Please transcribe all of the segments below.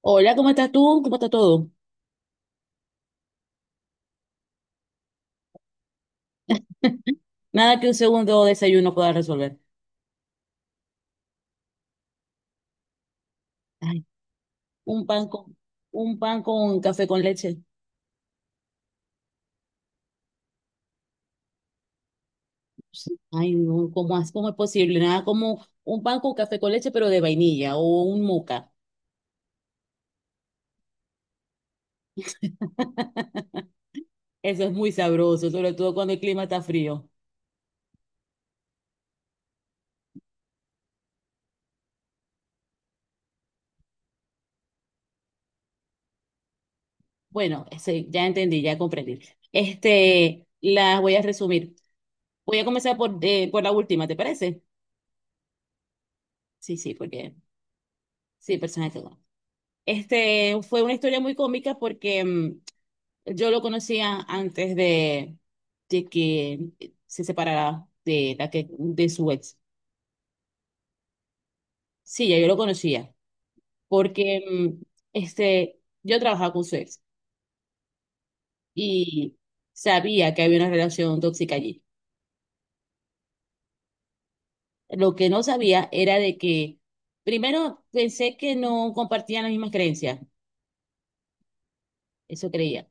Hola, ¿cómo estás tú? ¿Cómo está todo? Nada que un segundo desayuno pueda resolver. Ay, un pan con, un pan con café con leche. Sí. Ay, no, ¿Cómo es posible? Nada como un pan con café con leche, pero de vainilla o un moca. Eso es muy sabroso, sobre todo cuando el clima está frío. Bueno, sí, ya entendí, ya comprendí. Este, las voy a resumir. Voy a comenzar por la última, ¿te parece? Sí, sí, porque sí, personaje. Este, fue una historia muy cómica porque yo lo conocía antes de que se separara de la que de su ex. Sí, ya yo lo conocía, porque este, yo trabajaba con su ex y sabía que había una relación tóxica allí. Lo que no sabía era de que, primero, pensé que no compartían las mismas creencias, eso creía.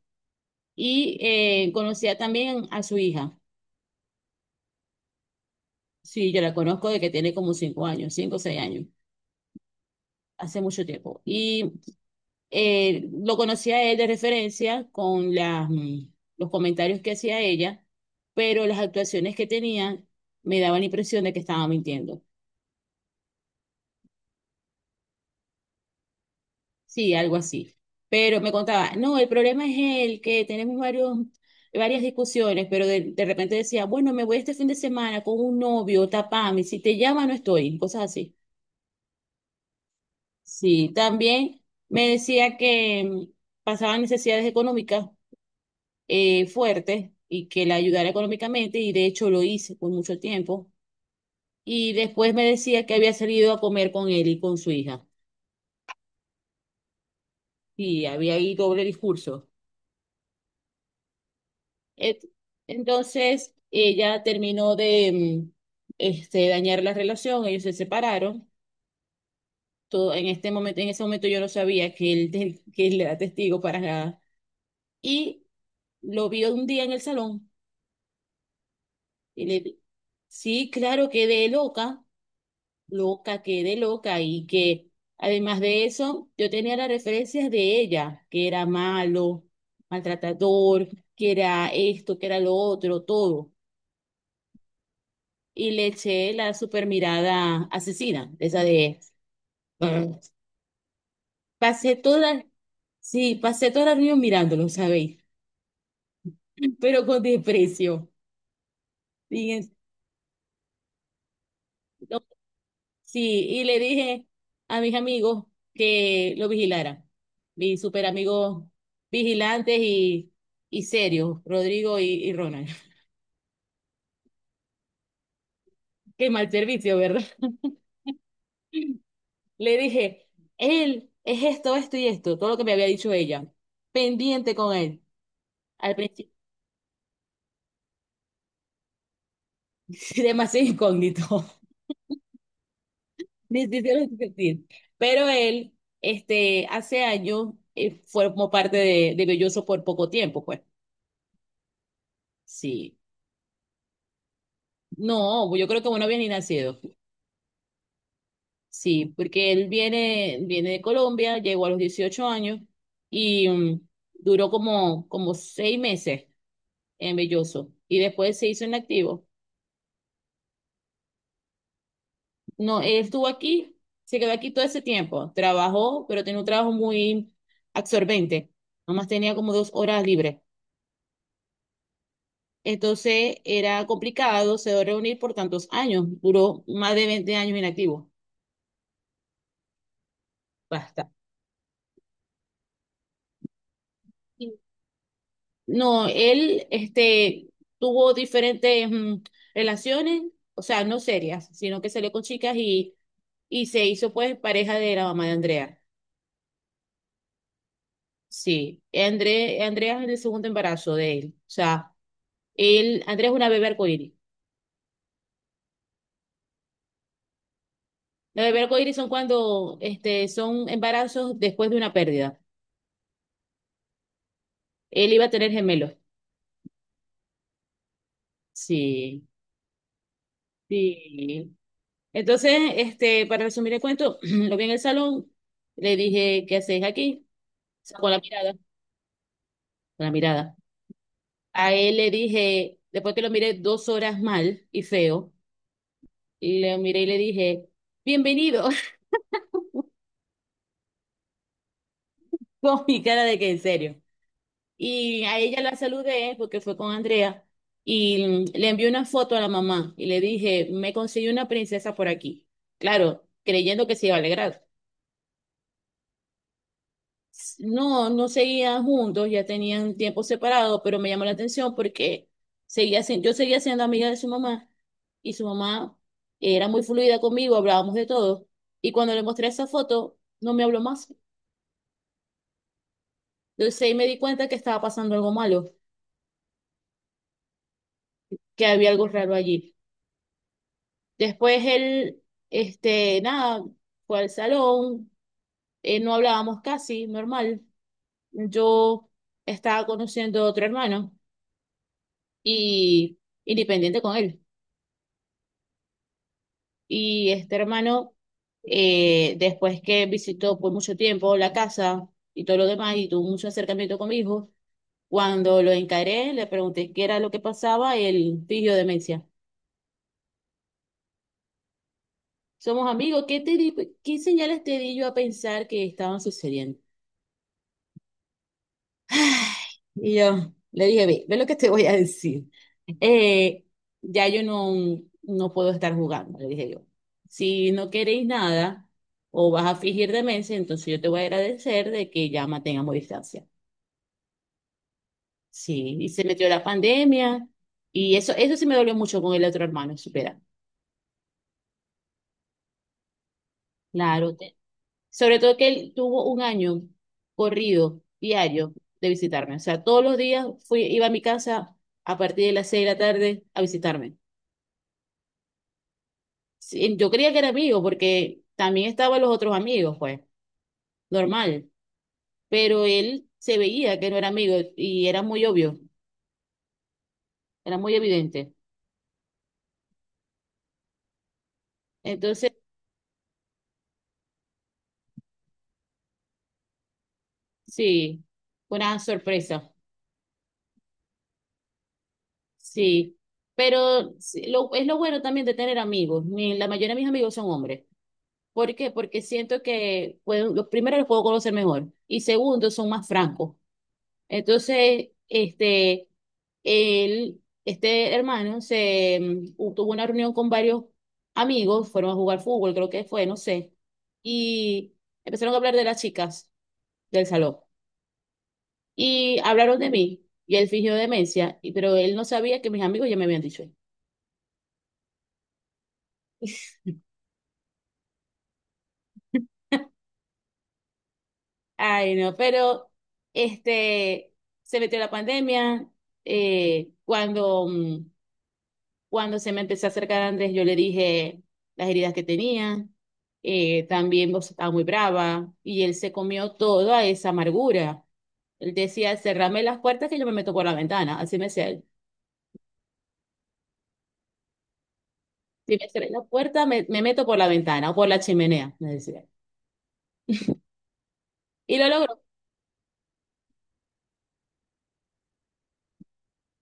Y conocía también a su hija. Sí, yo la conozco de que tiene como 5 años, 5 o 6 años, hace mucho tiempo. Y lo conocía a él de referencia con los comentarios que hacía ella, pero las actuaciones que tenía me daban la impresión de que estaba mintiendo. Sí, algo así. Pero me contaba, no, el problema es él, que tenemos varias discusiones, pero de repente decía, bueno, me voy este fin de semana con un novio, tapame, si te llama no estoy, cosas así. Sí, también me decía que pasaban necesidades económicas fuerte y que la ayudara económicamente y de hecho lo hice por mucho tiempo. Y después me decía que había salido a comer con él y con su hija y había ahí doble discurso. Et- Entonces ella terminó de mm, este, dañar la relación, ellos se separaron. Todo, en este momento, en ese momento yo no sabía que él, que él era testigo para nada. Y lo vi un día en el salón y le di- sí, claro, quedé loca. Loca, quedé loca y que además de eso, yo tenía las referencias de ella, que era malo, maltratador, que era esto, que era lo otro, todo. Y le eché la super mirada asesina, esa de... "Brr". Pasé toda, sí, pasé toda la reunión mirándolo, ¿sabéis? Pero con desprecio. Y es- Sí, y le dije a mis amigos que lo vigilaran, mis super amigos vigilantes y serios, Rodrigo y Ronald. Qué mal servicio, ¿verdad? Le dije, él es esto, esto y esto, todo lo que me había dicho ella, pendiente con él. Al principio, demasiado incógnito, me hicieron sentir. Pero él, este, hace años, formó parte de Belloso por poco tiempo, pues. Sí. No, yo creo que bueno, había ni nacido. Sí, porque él viene, viene de Colombia, llegó a los 18 años y duró como 6 meses en Belloso y después se hizo inactivo. No, él estuvo aquí, se quedó aquí todo ese tiempo, trabajó, pero tenía un trabajo muy absorbente, nomás tenía como 2 horas libres. Entonces era complicado, se dio reunir por tantos años, duró más de 20 años inactivo. Basta. No, él este, tuvo diferentes relaciones, o sea, no serias, sino que salió con chicas y se hizo pues pareja de la mamá de Andrea. Sí, Andrea es el segundo embarazo de él. O sea, él, Andrea es una bebé arcoíris. Las bebés arcoíris son cuando este, son embarazos después de una pérdida. Él iba a tener gemelos. Sí, sí. Entonces, este, para resumir el cuento, lo vi en el salón, le dije, ¿qué haces aquí? Sacó la mirada. La mirada. A él le dije, después que lo miré 2 horas mal y feo, le miré y le dije, bienvenido, con mi cara de que en serio. Y a ella la saludé porque fue con Andrea y le envié una foto a la mamá y le dije, me conseguí una princesa por aquí. Claro, creyendo que se iba a alegrar. No, no seguían juntos, ya tenían tiempo separado, pero me llamó la atención porque seguía sin- yo seguía siendo amiga de su mamá y su mamá era muy fluida conmigo, hablábamos de todo. Y cuando le mostré esa foto, no me habló más. Entonces ahí me di cuenta que estaba pasando algo malo, que había algo raro allí. Después él, este, nada, fue al salón, no hablábamos casi, normal. Yo estaba conociendo a otro hermano y independiente con él. Y este hermano, después que visitó por mucho tiempo la casa y todo lo demás, y tuvo mucho acercamiento con mi hijo, cuando lo encaré, le pregunté qué era lo que pasaba, él fingió demencia. Somos amigos, ¿qué, qué señales te di yo a pensar que estaban sucediendo? Y yo le dije, ve, ve lo que te voy a decir. Eh, ya yo no puedo estar jugando, le dije yo. Si no queréis nada o vas a fingir demencia, entonces yo te voy a agradecer de que ya mantengamos distancia. Sí, y se metió la pandemia y eso sí me dolió mucho con el otro hermano, supera. Claro, sobre todo que él tuvo un año corrido, diario, de visitarme. O sea, todos los días fui, iba a mi casa a partir de las 6 de la tarde a visitarme. Sí, yo creía que era amigo porque también estaban los otros amigos, pues, normal, pero él se veía que no era amigo y era muy obvio, era muy evidente. Entonces, sí, fue una sorpresa, sí, pero sí, lo, es lo bueno también de tener amigos. La mayoría de mis amigos son hombres. ¿Por qué? Porque siento que, pues, los primeros los puedo conocer mejor y segundo, son más francos. Entonces, este, él, este hermano tuvo una reunión con varios amigos, fueron a jugar fútbol, creo que fue, no sé, y empezaron a hablar de las chicas del salón. Y hablaron de mí, y él fingió demencia, pero él no sabía que mis amigos ya me habían dicho. Ay, no, pero este se metió la pandemia eh, cuando mm, cuando se me empezó a acercar Andrés, yo le dije las heridas que tenía, también vos estaba muy brava, y él se comió toda esa amargura. Él decía, cerrame las puertas que yo me meto por la ventana, así me decía él. Si me cerré la puerta, me meto por la ventana o por la chimenea, me decía. Y lo logró.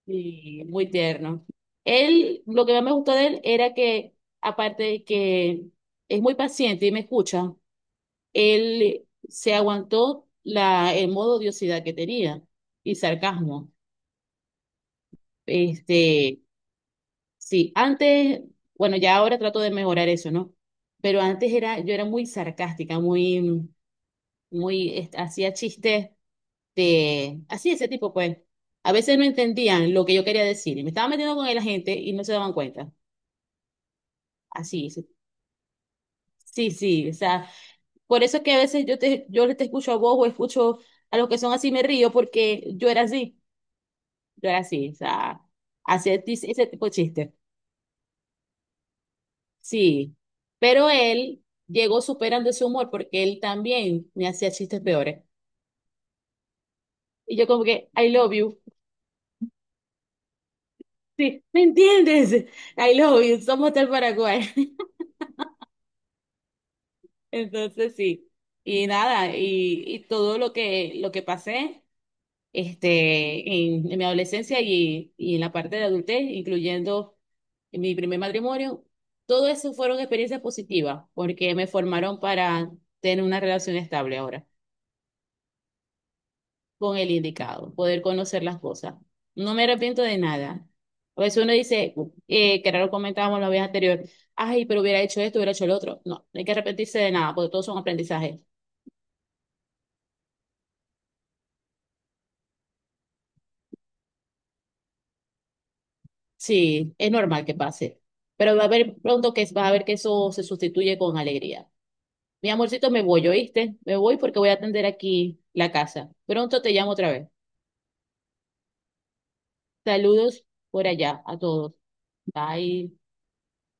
Y muy tierno. Él, lo que más me gustó de él era que, aparte de que es muy paciente y me escucha, él se aguantó el modo odiosidad que tenía y sarcasmo. Este, sí, antes, bueno, ya ahora trato de mejorar eso, ¿no? Pero yo era muy sarcástica, muy, muy, este, hacía chistes de, así ese tipo, pues. A veces no entendían lo que yo quería decir y me estaba metiendo con la gente y no se daban cuenta. Así, sí, sí, sí, o sea, por eso es que a veces yo te escucho a vos o escucho a los que son así me río porque yo era así. Yo era así, o sea, hacía ese tipo de chistes. Sí, pero él llegó superando ese humor porque él también me hacía chistes peores. Y yo como que, I love you. Sí, ¿me entiendes? I love you, somos del Paraguay. Entonces sí, y nada, y todo lo que, pasé este, en mi adolescencia y en la parte de adultez, incluyendo en mi primer matrimonio, todo eso fueron experiencias positivas porque me formaron para tener una relación estable ahora con el indicado, poder conocer las cosas. No me arrepiento de nada. A veces uno dice, que era lo comentábamos la vez anterior, ay, pero hubiera hecho esto, hubiera hecho lo otro. No, no hay que arrepentirse de nada porque todos son aprendizajes. Sí, es normal que pase, pero va a haber pronto que vas a ver que eso se sustituye con alegría. Mi amorcito, me voy, ¿oíste? Me voy porque voy a atender aquí la casa. Pronto te llamo otra vez. Saludos por allá a todos. Bye.